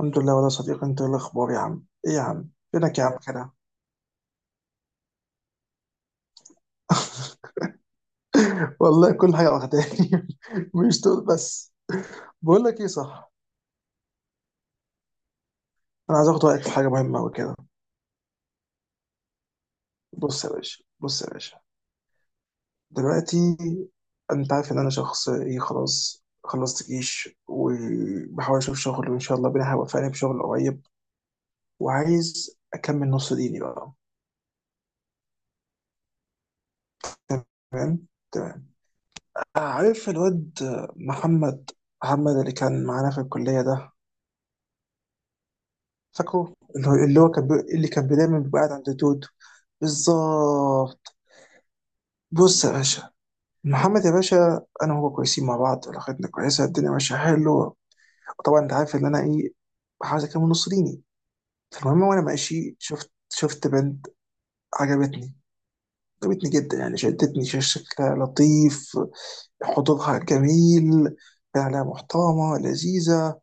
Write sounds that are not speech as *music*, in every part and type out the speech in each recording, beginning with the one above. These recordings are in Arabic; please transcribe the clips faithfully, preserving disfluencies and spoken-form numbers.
الحمد لله والله يا صديقي، انت ايه الاخبار يا عم؟ ايه يا عم، فينك يا عم كده؟ *laughs* والله كل حاجه واخداني. *laughs* مش دول بس. بقول لك ايه، صح؟ انا عايز اخد رايك في حاجه مهمه قوي كده. بص يا باشا، بص يا باشا، دلوقتي انت عارف ان انا شخص ايه، خلاص خلصت جيش وبحاول اشوف شغل وان شاء الله ربنا هيوفقني بشغل قريب، وعايز اكمل نص ديني بقى. تمام تمام. عارف الواد محمد محمد اللي كان معانا في الكليه ده؟ فاكره؟ اللي هو اللي هو كان بي... اللي كان بي- دايما بيبقى قاعد عند دود. بالظبط. بص يا باشا، محمد يا باشا انا وهو كويسين مع بعض، علاقتنا كويسه، الدنيا ماشيه حلو. طبعا انت عارف ان انا ايه، بحاول اكمل نص ديني. فالمهم وانا ماشي شفت شفت بنت. عجبتني، عجبتني جدا يعني، شدتني، ش- شكلها لطيف، حضورها جميل، فعلا محترمه لذيذه.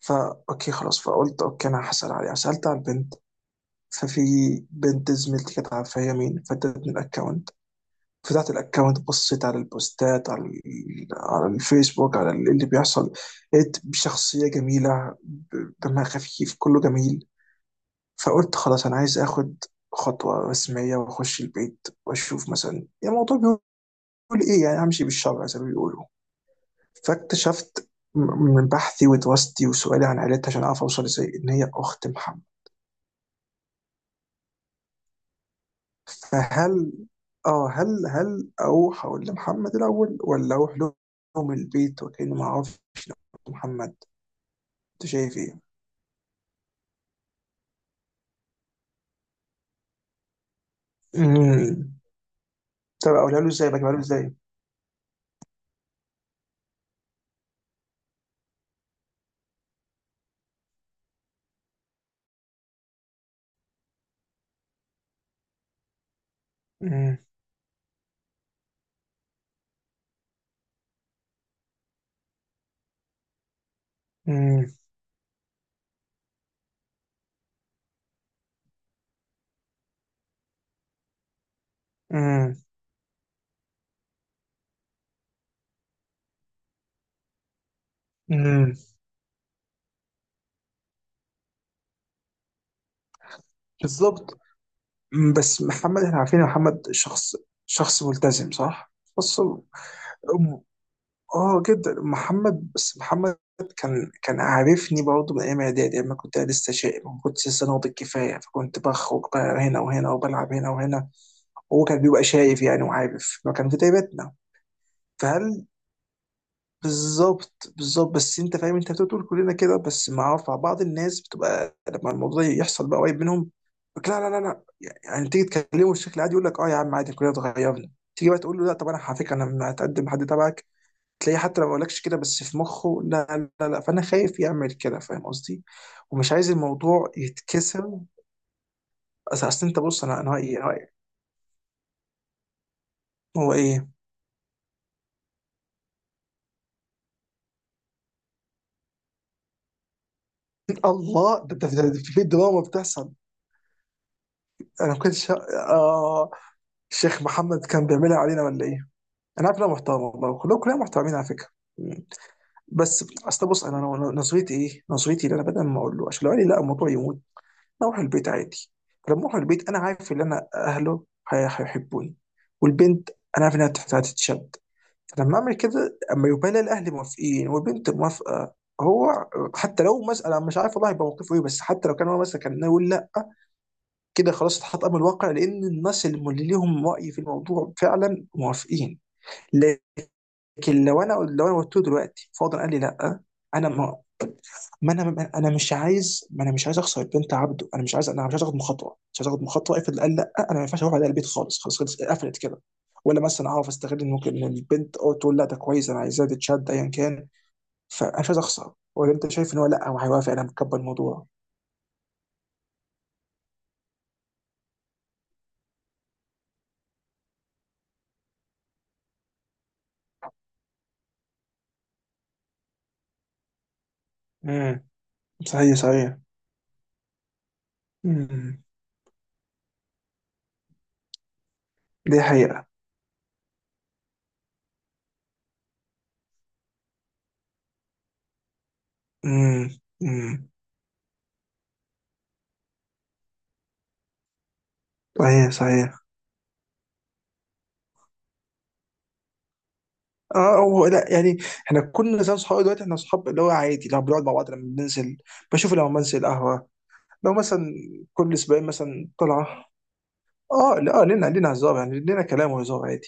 فا اوكي خلاص، فقلت اوكي انا هسال عليها، سالت على البنت. ففي بنت زميلتي كانت عارفة هي مين، فادتني الاكونت. فتحت الاكونت، بصيت على البوستات، على ال- على الفيسبوك، على ال- اللي بيحصل. لقيت شخصية جميلة، ب- دمها خفيف، كله جميل. فقلت خلاص أنا عايز آخد خطوة رسمية وأخش البيت وأشوف مثلا الموضوع بيقول إيه، يعني همشي بالشرع زي ما بيقولوا. فاكتشفت م- من بحثي ودراستي وسؤالي عن عيلتها عشان أعرف أوصل إزاي إن هي أخت محمد. فهل، اه هل هل اروح اقول لمحمد الاول ولا اروح لهم البيت وكاني ما اعرفش محمد؟ انت شايف ايه؟ امم طب اقولها له ازاي؟ بجيبها له ازاي؟ امم امم امم امم بالظبط. مم، بس محمد احنا عارفين إن محمد شخص، شخص ملتزم صح؟ بص، اه جدا محمد، بس محمد كان كان عارفني برضه من ايام اعدادي اما كنت لسه شايب، ما كنتش لسه ناضج كفايه، فكنت بخرج بقى هنا وهنا وبلعب هنا وهنا. هو كان بيبقى شايف يعني، وعارف ما كان في تيبتنا. فهل، بالظبط بالظبط. بس انت فاهم، انت بتقول كلنا كده، بس مع مع بعض الناس بتبقى لما الموضوع يحصل بقى قريب منهم يقولك لا لا لا لا. يعني تيجي تكلمه بشكل عادي يقول لك اه يا عم عادي كلنا اتغيرنا، تيجي بقى تقول له لا طب انا على فكره انا هتقدم حد تبعك، تلاقيه حتى لو ما قالكش كده بس في مخه لا لا لا. فانا خايف يعمل كده، فاهم قصدي؟ ومش عايز الموضوع يتكسر. اصل أصل انت بص، انا انا رايي رأيي هو ايه. *laughs* الله. ده ده ده- ده في دراما بتحصل. انا ما كنتش اه الشيخ محمد كان بيعملها علينا ولا ايه؟ انا عارف إن انا محترم والله، كلهم كلنا محترمين على فكره. بس اصل بص، انا أنا- نظريتي ايه، نظريتي اللي انا بدل ما اقول له عشان لو قال لي لا الموضوع يموت. اروح البيت عادي. فلما اروح البيت انا عارف ان انا اهله هي- هيحبوني، والبنت انا عارف انها تحت- هتتشد. فلما اعمل كده اما يبقى لي الاهل موافقين والبنت موافقه، هو حتى لو مسألة مش عارف والله هيبقى موقفه ايه، بس حتى لو كان هو مثلا كان يقول لا، كده خلاص اتحط امر الواقع، لان الناس اللي اللي ليهم رأي في الموضوع فعلا موافقين. لكن لو انا لو انا قلت له دلوقتي فاضل قال لي لا، انا ما انا ما انا مش عايز ما انا مش عايز اخسر البنت عبده. انا مش عايز، انا مش عايز اخد مخاطره، مش عايز اخد مخاطره. افرض قال لا، انا ما ينفعش اروح على البيت خالص، خلاص خلاص قفلت كده. ولا مثلا اعرف استغل ان ممكن إن البنت او تقول لا ده كويس انا عايزاه تتشد ايا كان. فانا مش عايز اخسر. ولا انت شايف ان هو لا هو هيوافق، انا مكبر الموضوع؟ امم صحيح صحيح. امم دي حقيقه. امم امم صحيح صحيح. اه هو لا يعني، احنا كنا زي اصحاب. دلوقتي احنا اصحاب اللي هو عادي لو بنقعد مع بعض لما بننزل، بشوف لما بنزل القهوه، لو مثلا كل اسبوعين مثلا طلعه. اه لا آه، لنا لنا هزار يعني، لنا كلام وهزار عادي.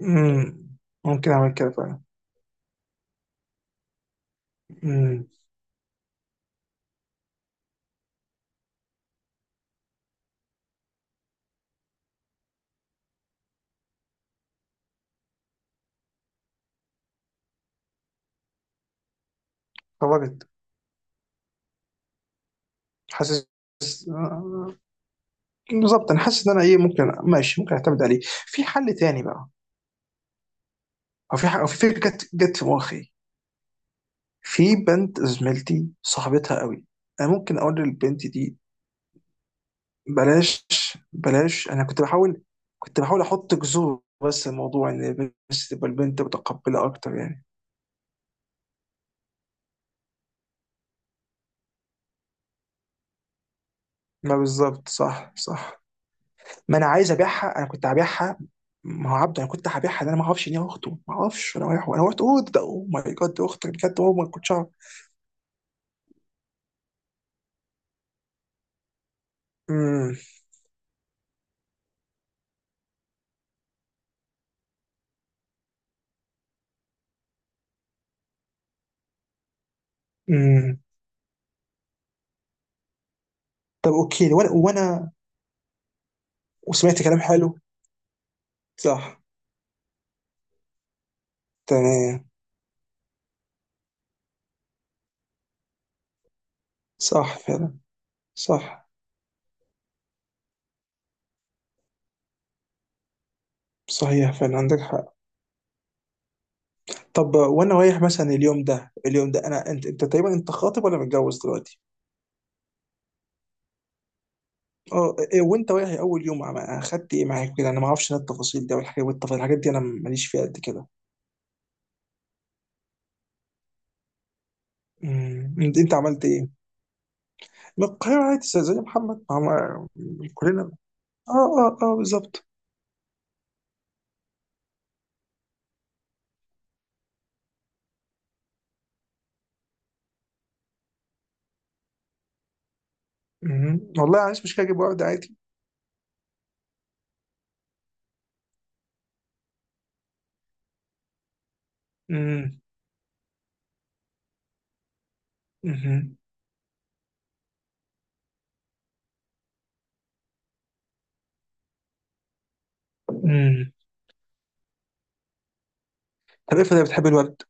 امم ممكن اعمل كده فعلا. امم خرجت. حاسس. آه، بالظبط انا حاسس ان انا ايه ممكن، ماشي ممكن اعتمد عليه. في حل تاني بقى، او في ح- او في فكره جت جت في مخي. في بنت زميلتي صاحبتها قوي، انا ممكن اقول للبنت دي. بلاش بلاش. انا كنت بحاول، كنت بحاول احط جذور، بس الموضوع ان بس تبقى البنت متقبله اكتر يعني. ما بالظبط صح صح. ما انا عايز ابيعها، انا كنت هبيعها. ما هو عبده، انا كنت هبيعها. ده انا ما اعرفش ان هي اخته، ما اعرفش. انا رايح، انا رحت، اوه ده اوه ماي جاد دي اختك بجد؟ اوه ما كنتش اعرف. امم امم طب اوكي. وانا وانا وسمعت كلام حلو. صح. تمام. صح فعلا. صح. صحيح فعلا عندك حق. طب وانا رايح مثلا اليوم ده، اليوم ده انا، انت انت تقريبا انت خاطب ولا متجوز دلوقتي؟ اه إيه، وانت رايح اول يوم عم- اخدت ايه معاك كده؟ انا ما اعرفش انا التفاصيل دي والحاجات والتفاصيل الحاجات دي انا ماليش فيها قد كده. مم. انت، أنت عملت ايه؟ من القاهرة عادي زي زي محمد عم- كلنا. اه اه اه بالظبط. مم. والله عايش مش كده اجيب ورد عادي. مم. مم. مم. طب افرض هي بتحب الورد.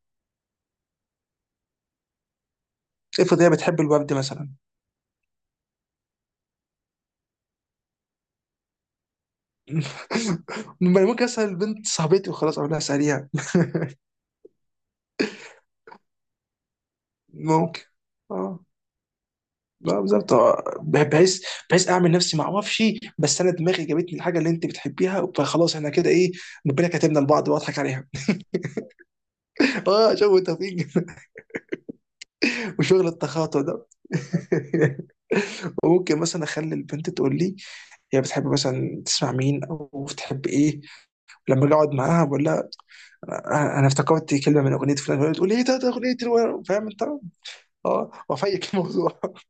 افرض هي بتحب الورد مثلا. *laughs* ما ممكن اسال البنت صاحبتي وخلاص اقول لها اساليها. *laughs* ممكن اه. لا بالظبط آه. بح- بحيث، بحيث اعمل نفسي ما اعرفش، بس انا دماغي جابتني الحاجه اللي انت بتحبيها، فخلاص احنا كده ايه، ربنا كاتبنا لبعض واضحك عليها. *laughs* اه شوف توفيق. وشغل التخاطع ده. *laughs* وممكن مثلا اخلي البنت تقول لي هي بتحب مثلا تسمع مين او بتحب ايه، لما اجي اقعد معاها بقول لها انا أنا افتكرت كلمه من اغنيه فلان تقول لي ايه ده، ده اغنيه الو-" فاهم انت. اه، وافيك الموضوع. *laughs*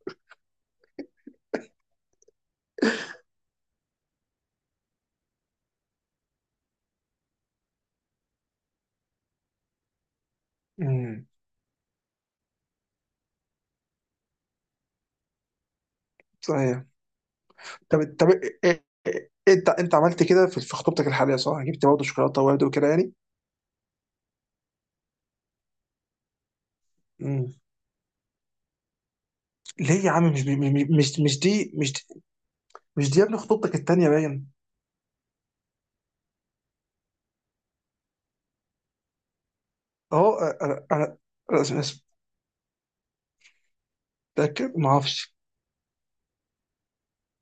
أمم، صحيح. طب طب إيه- إيه- انت، انت عملت كده في في خطوبتك الحاليه صح؟ جبت برضه شوكولاته وورد وكده يعني؟ أمم. ليه يا عم؟ مش بي- مش مش مش دي مش دي مش دي يا ابني، خطوبتك التانيه باين. اهو انا، انا أنا- أنا- متاكد ما اعرفش.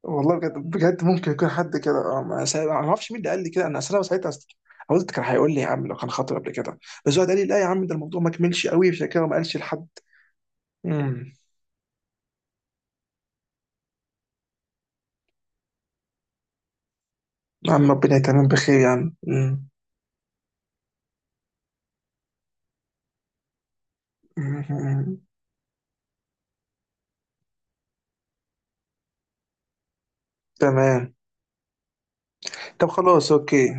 والله بجد بجد ممكن يكون حد كده اه، ما أنا ما اعرفش مين اللي قال لي كده. انا اصل انا ساعتها أصل- قلت كان هيقول لي يا عم لو كان خاطر قبل كده، بس هو قال لي لا يا عم، ده الموضوع ما كملش قوي عشان كده ما قالش لحد. امم يا عم ربنا يتمم بخير يا عم. أمم. أمم. تمام. طب خلاص اوكي.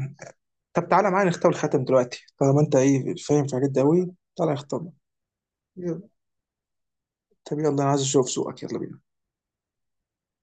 طب تعالى معايا نختار الخاتم دلوقتي طالما انت ايه فاهم في الحاجات دي قوي، تعالى نختار. يلا. طب يلا انا عايز اشوف سوقك، يلا بينا.